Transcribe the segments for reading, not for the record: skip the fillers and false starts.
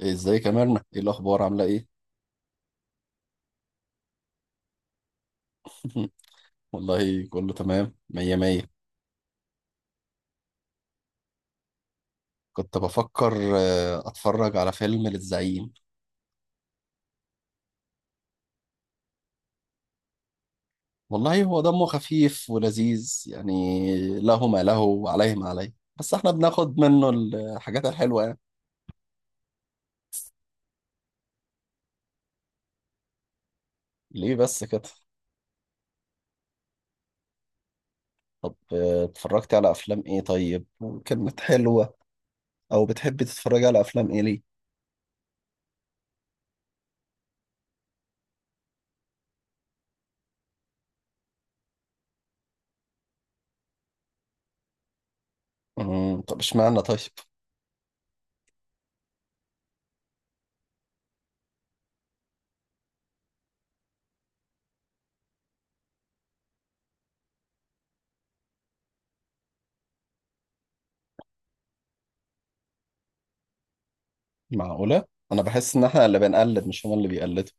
إيه، ازيك يا مرنة ايه الاخبار عامله ايه؟ والله كله تمام مية مية. كنت بفكر اتفرج على فيلم للزعيم. والله هو دمه خفيف ولذيذ، يعني له ما له وعليه ما عليه، بس احنا بناخد منه الحاجات الحلوه يعني. ليه بس كده؟ طب اتفرجتي على افلام ايه طيب؟ كانت حلوه؟ او بتحبي تتفرجي على افلام ايه ليه؟ طب اشمعنى طيب؟ معقوله. انا بحس ان احنا اللي بنقلد مش هما اللي بيقلدوا.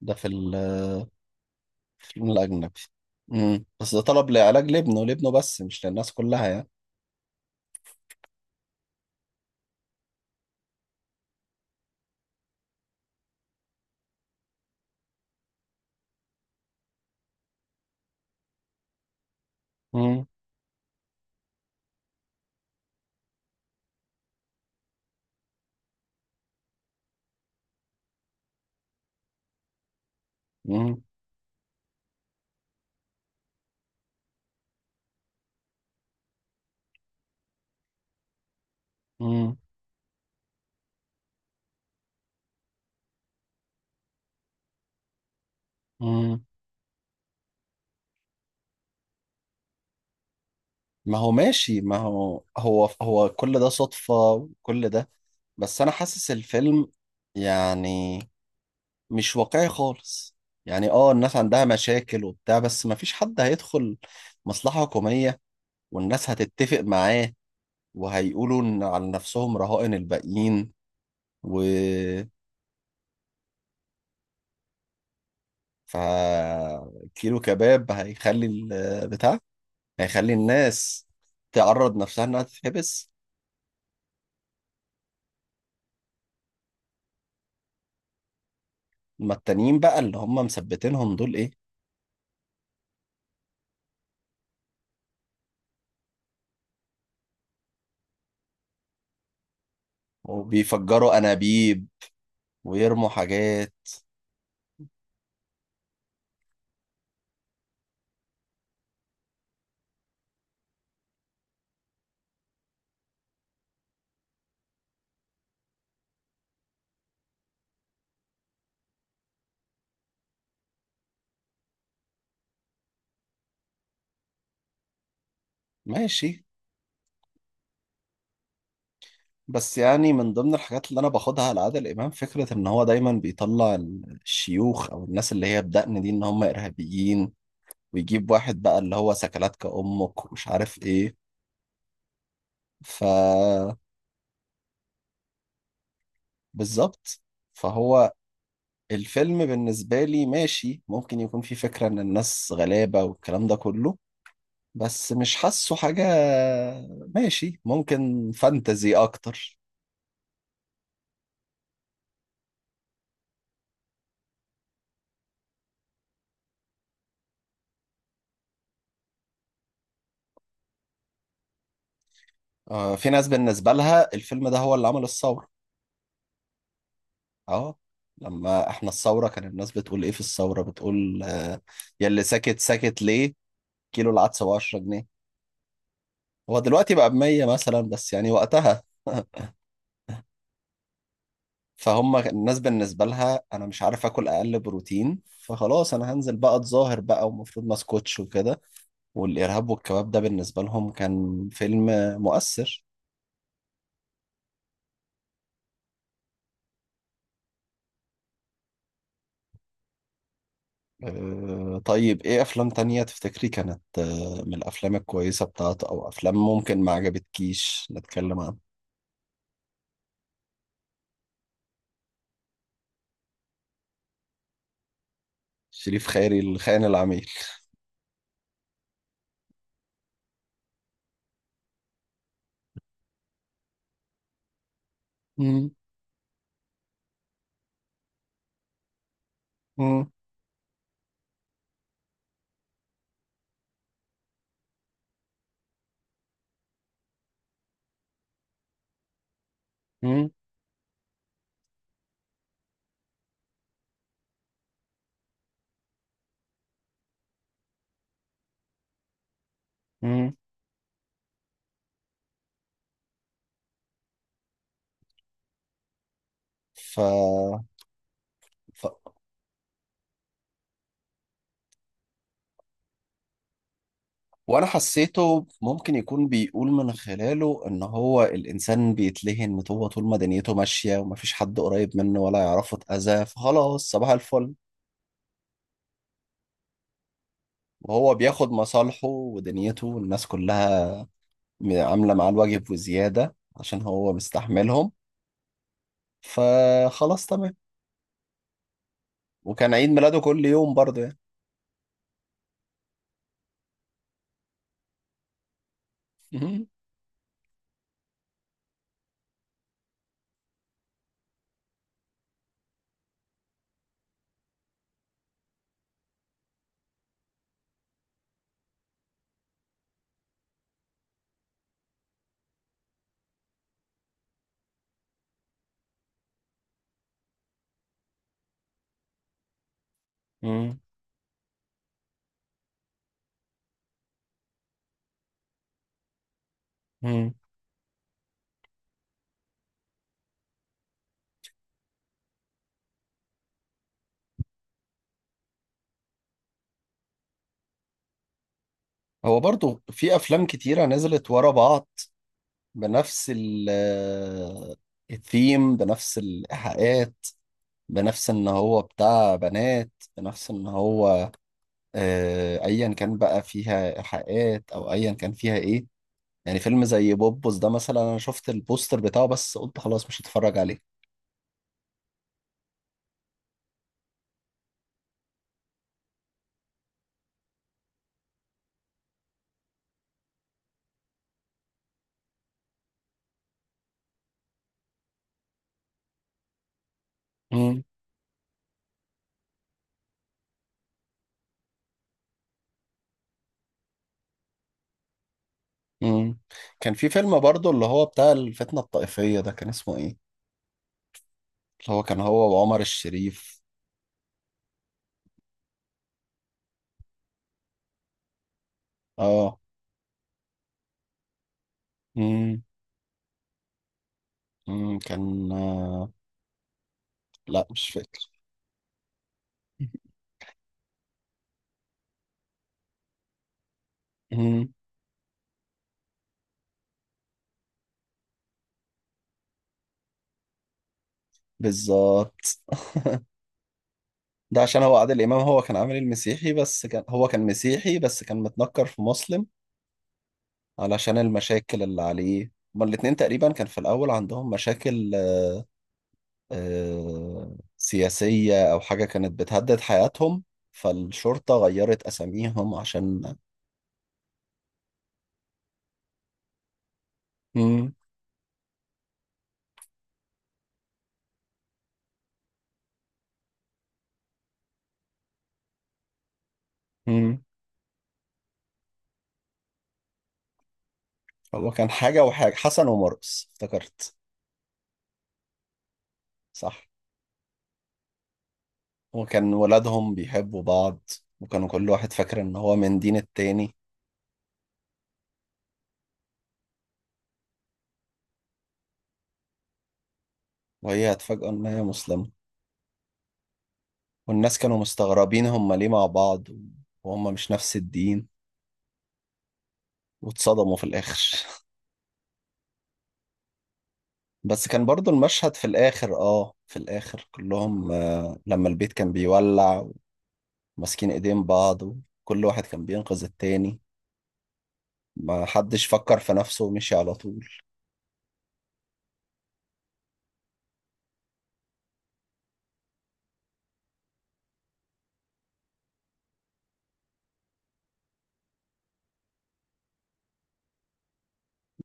ده في الفيلم الاجنبي. مم. بس ده طلب لعلاج لابنه بس مش للناس كلها يعني. مم. مم. مم. مم. ما هو ماشي، ما هو كل ده صدفة وكل ده. بس أنا حاسس الفيلم يعني مش واقعي خالص. يعني الناس عندها مشاكل وبتاع، بس ما فيش حد هيدخل مصلحة حكومية والناس هتتفق معاه وهيقولوا إن على نفسهم رهائن الباقيين. و ف كيلو كباب هيخلي البتاع، هيخلي الناس تعرض نفسها انها تتحبس. اما التانيين بقى اللي هم مثبتينهم دول ايه؟ وبيفجروا انابيب ويرموا حاجات. ماشي، بس يعني من ضمن الحاجات اللي انا باخدها على عادل امام فكره ان هو دايما بيطلع الشيوخ او الناس اللي هي بدقن دي ان هم ارهابيين، ويجيب واحد بقى اللي هو سكلاتك امك ومش عارف ايه. ف بالظبط. فهو الفيلم بالنسبه لي ماشي، ممكن يكون فيه فكره ان الناس غلابه والكلام ده كله، بس مش حاسه حاجة، ماشي ممكن فانتزي أكتر. في ناس بالنسبة لها الفيلم ده هو اللي عمل الثورة. اه، لما احنا الثورة كان الناس بتقول ايه في الثورة، بتقول يا اللي ساكت ساكت ليه؟ كيلو العدس ب 10 جنيه. هو دلوقتي بقى ب 100 مثلا، بس يعني وقتها. فهم الناس بالنسبة لها انا مش عارف اكل اقل بروتين، فخلاص انا هنزل بقى اتظاهر بقى، ومفروض ما اسكتش وكده. والارهاب والكباب ده بالنسبة لهم كان فيلم مؤثر. طيب ايه افلام تانية تفتكري كانت من الافلام الكويسة بتاعته، او افلام ممكن ما عجبتكيش نتكلم عنها؟ شريف خيري الخاين العميل. مم. مم. مم. مم. ف... ف... وانا حسيته ممكن يكون بيقول من خلاله ان هو الانسان بيتلهن، هو طول ما دنيته ماشية ومفيش حد قريب منه ولا يعرفه اتأذى فخلاص صباح الفل. وهو بياخد مصالحه ودنيته، والناس كلها عاملة معاه الواجب وزيادة عشان هو مستحملهم، فخلاص تمام. وكان عيد ميلاده كل يوم برضه يعني. مهم. مم. مم. هو برضه في أفلام كتيرة نزلت ورا بعض، بنفس الثيم، بنفس الإيحاءات، بنفس إن هو بتاع بنات، بنفس إن هو أيا كان بقى فيها إيحاءات أو أيا كان فيها إيه. يعني فيلم زي بوبوس ده مثلا، أنا شفت البوستر بتاعه بس قلت خلاص مش هتفرج عليه. مم. كان في فيلم برضه اللي هو بتاع الفتنة الطائفية ده، كان اسمه ايه؟ اللي هو كان هو وعمر الشريف. اه. مم. مم. كان. لا مش فاكر. مم. بالظبط. ده عشان هو عادل إمام، هو كان عامل المسيحي، بس كان هو كان مسيحي بس كان متنكر في مسلم، علشان المشاكل اللي عليه. هما الاتنين تقريبا كان في الأول عندهم مشاكل، سياسية أو حاجة كانت بتهدد حياتهم، فالشرطة غيرت أساميهم عشان. مم. مم. هو كان حاجة وحاجة، حسن ومرقص افتكرت. صح. وكان ولادهم بيحبوا بعض، وكانوا كل واحد فاكر ان هو من دين التاني، وهي هتفاجئوا ان هي مسلمة، والناس كانوا مستغربين هما ليه مع بعض وهم مش نفس الدين، واتصدموا في الآخر. بس كان برضو المشهد في الآخر، في الآخر كلهم لما البيت كان بيولع، وماسكين ايدين بعض، وكل واحد كان بينقذ التاني، ما حدش فكر في نفسه ومشي على طول.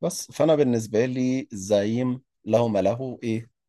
بس فانا بالنسبه لي الزعيم له ما له ايه